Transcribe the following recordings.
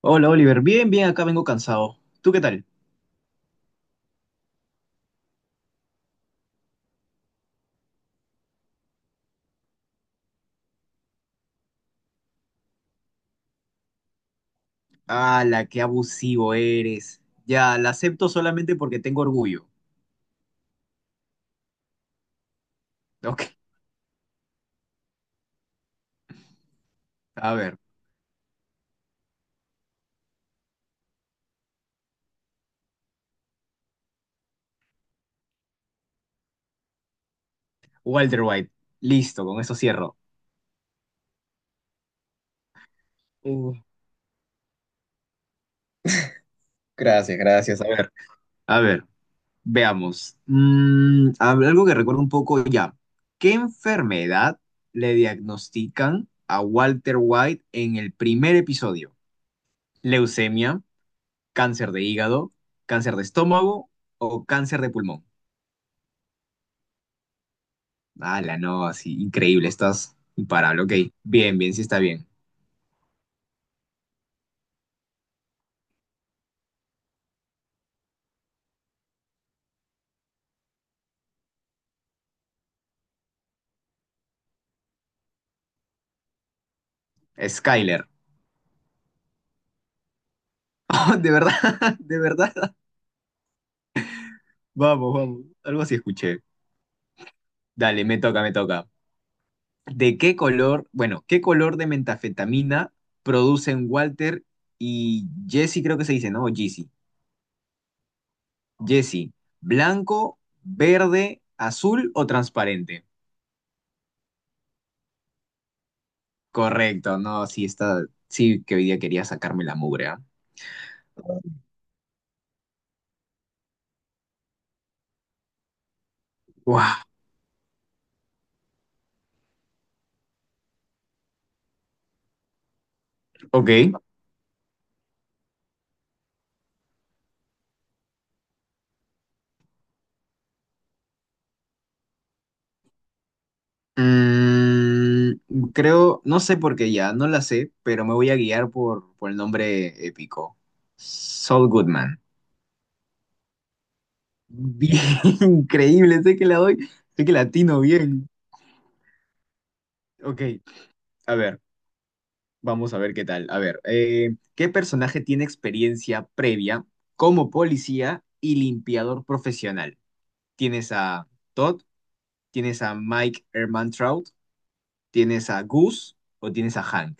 Hola Oliver, bien, bien, acá vengo cansado. ¿Tú qué tal? ¡La qué abusivo eres! Ya, la acepto solamente porque tengo orgullo. Ok, a ver. Walter White, listo, con eso cierro. Uh, Gracias, gracias. A ver, veamos. Mm, algo que recuerdo un poco ya. ¿Qué enfermedad le diagnostican a Walter White en el primer episodio? ¿Leucemia, cáncer de hígado, cáncer de estómago o cáncer de pulmón? Ala, no, sí, increíble, estás imparable, ok. Bien, bien, sí está bien. Skyler. Oh, de verdad, de verdad. Vamos, vamos. Algo así escuché. Dale, me toca, me toca. ¿De qué color, bueno, qué color de mentafetamina producen Walter y Jesse, creo que se dice, ¿no? O Jesse. Jesse, ¿blanco, verde, azul o transparente? Correcto, no, sí está, sí que hoy día quería sacarme la mugre, ¿ah? Guau, ok. Mm, creo, no sé por qué ya, no la sé, pero me voy a guiar por el nombre épico. Saul Goodman. Bien, increíble, sé que la doy, sé que latino bien. Ok, a ver, vamos a ver qué tal. A ver, ¿qué personaje tiene experiencia previa como policía y limpiador profesional? ¿Tienes a Todd? ¿Tienes a Mike Ehrmantraut? ¿Tienes a Goose? ¿O tienes a Hank?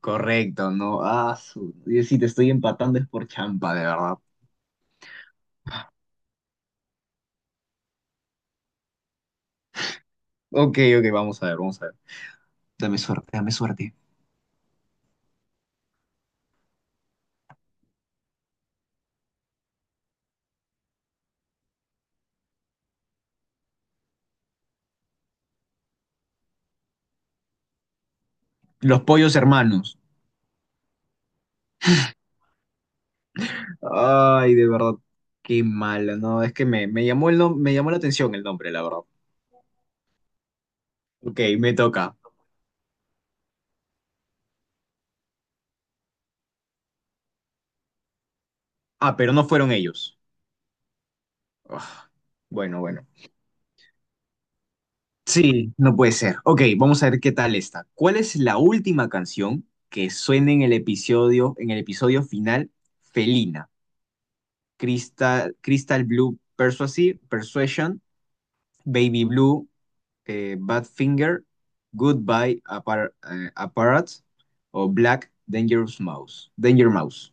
Correcto, no. Ah, su... Yo sí te estoy empatando es por champa, de verdad. Ok, ok, vamos a ver, vamos a ver. Dame suerte, dame suerte. Los pollos hermanos. Ay, de verdad, qué mala, no. Es que me llamó el me llamó la atención el nombre, la verdad. Ok, me toca. Ah, pero no fueron ellos. Ugh, bueno, bueno. Sí, no puede ser. Ok, vamos a ver qué tal está. ¿Cuál es la última canción que suena en el episodio final, Felina? Crystal, Crystal Blue Persuasive, Persuasion, Baby Blue, Badfinger, Goodbye Apparat o Black Dangerous Mouse. Danger Mouse.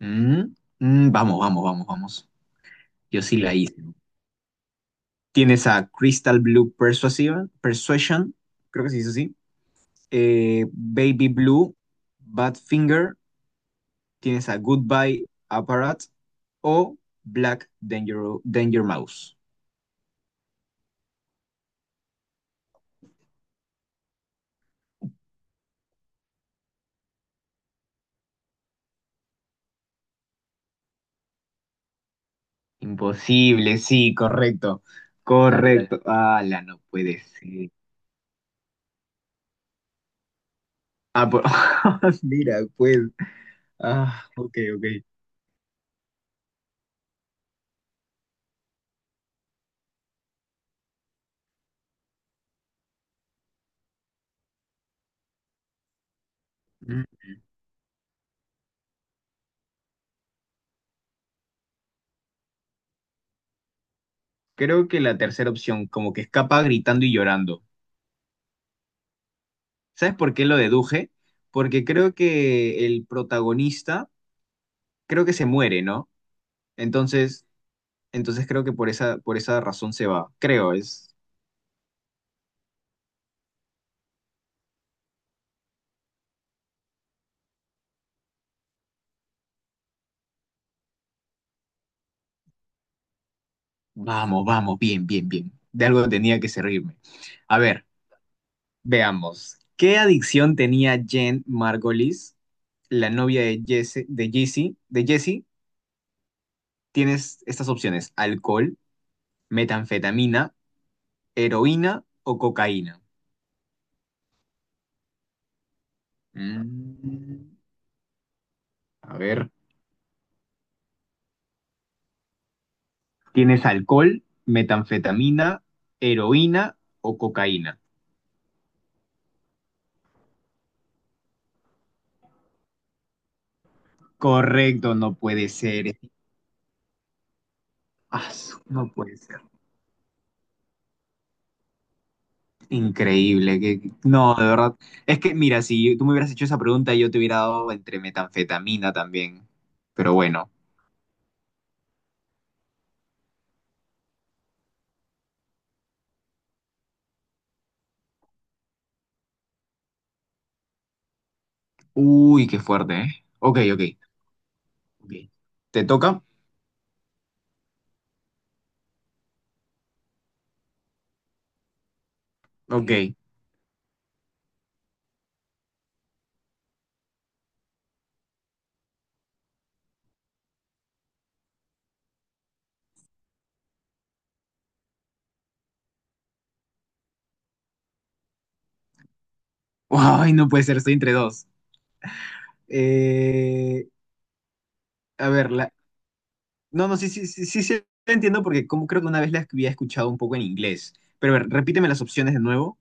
Mm, mm, vamos, vamos, vamos, vamos. Yo sí la hice. Tienes a Crystal Blue Persuasive, Persuasion, creo que se dice así. Baby Blue, Badfinger, tienes a Goodbye Apparat o Black Danger, Danger Mouse. Imposible, sí, correcto. Ajá. Correcto. La no puede ser. Ah, mira, pues. Ah, ok, ok. Mm, creo que la tercera opción, como que escapa gritando y llorando. ¿Sabes por qué lo deduje? Porque creo que el protagonista, creo que se muere, ¿no? Entonces, entonces creo que por esa razón se va. Creo, es. Vamos, vamos, bien, bien, bien. De algo tenía que servirme. A ver. Veamos. ¿Qué adicción tenía Jen Margolis, la novia de Jesse, Tienes estas opciones: alcohol, metanfetamina, heroína o cocaína. Mm, a ver. Tienes alcohol, metanfetamina, heroína o cocaína. Correcto, no puede ser. Ah, no puede ser. Increíble, que no, de verdad. Es que, mira, si tú me hubieras hecho esa pregunta, yo te hubiera dado entre metanfetamina también. Pero bueno. Uy, qué fuerte, ¿eh? Ok, ok, ok. ¿Te toca? Ok. Ay, no puede ser, estoy entre dos. Eh, a ver, la... no, no, sí, sí, sí, sí, sí, la entiendo porque como creo que una vez la había escuchado un poco en inglés. Pero a ver, repíteme las opciones de nuevo.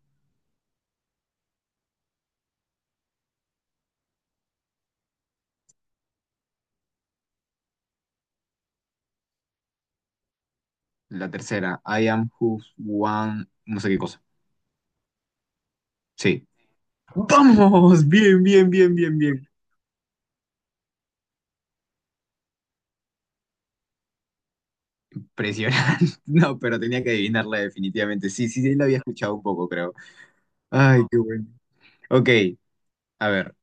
La tercera, I am who one, no sé qué cosa. Sí. Vamos, bien, bien, bien, bien, bien. Impresionante. No, pero tenía que adivinarla definitivamente. Sí, sí, sí, la había escuchado un poco, creo. Ay, qué bueno. Ok, a ver.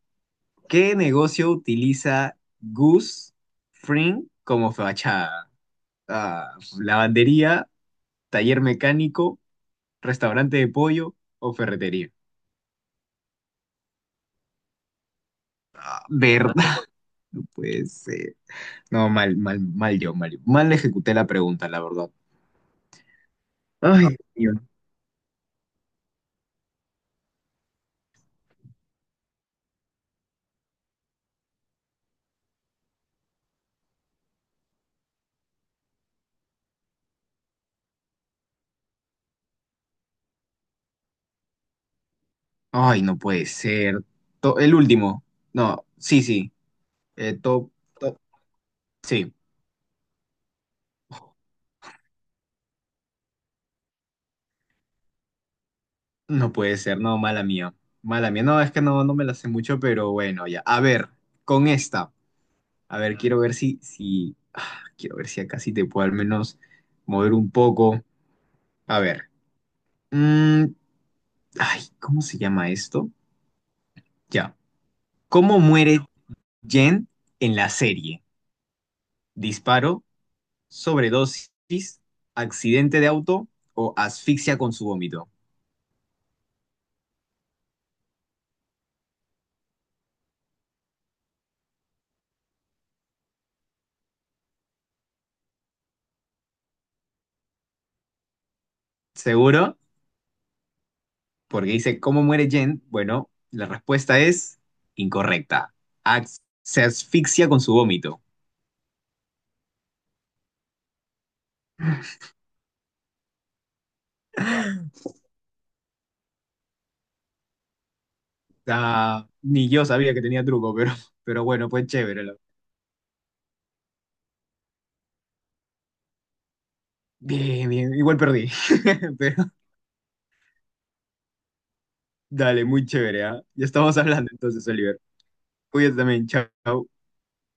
¿Qué negocio utiliza Gus Fring como fachada? Ah, lavandería, taller mecánico, restaurante de pollo o ferretería. Ah, ¿verdad? Pues, no, mal, mal, mal yo, mal yo. Mal ejecuté la pregunta, la verdad. Ay, Dios mío. Ay, no puede ser. El último. No, sí, sí. Top, top. Sí. No puede ser, no, mala mía. Mala mía. No, es que no, no me la sé mucho, pero bueno, ya. A ver, con esta. A ver, quiero ver si, ah, quiero ver si acá sí te puedo al menos mover un poco. A ver. Mm, ay, ¿cómo se llama esto? Ya. ¿Cómo muere Jen en la serie? ¿Disparo, sobredosis, accidente de auto o asfixia con su vómito? ¿Seguro? Porque dice, ¿cómo muere Jen? Bueno, la respuesta es incorrecta. Se asfixia con su vómito. Ah, ni yo sabía que tenía truco, pero bueno, pues chévere. Lo- Bien, bien, igual perdí. Pero dale, muy chévere, ¿ah? Ya estamos hablando entonces, Oliver. Cuídate también, chao.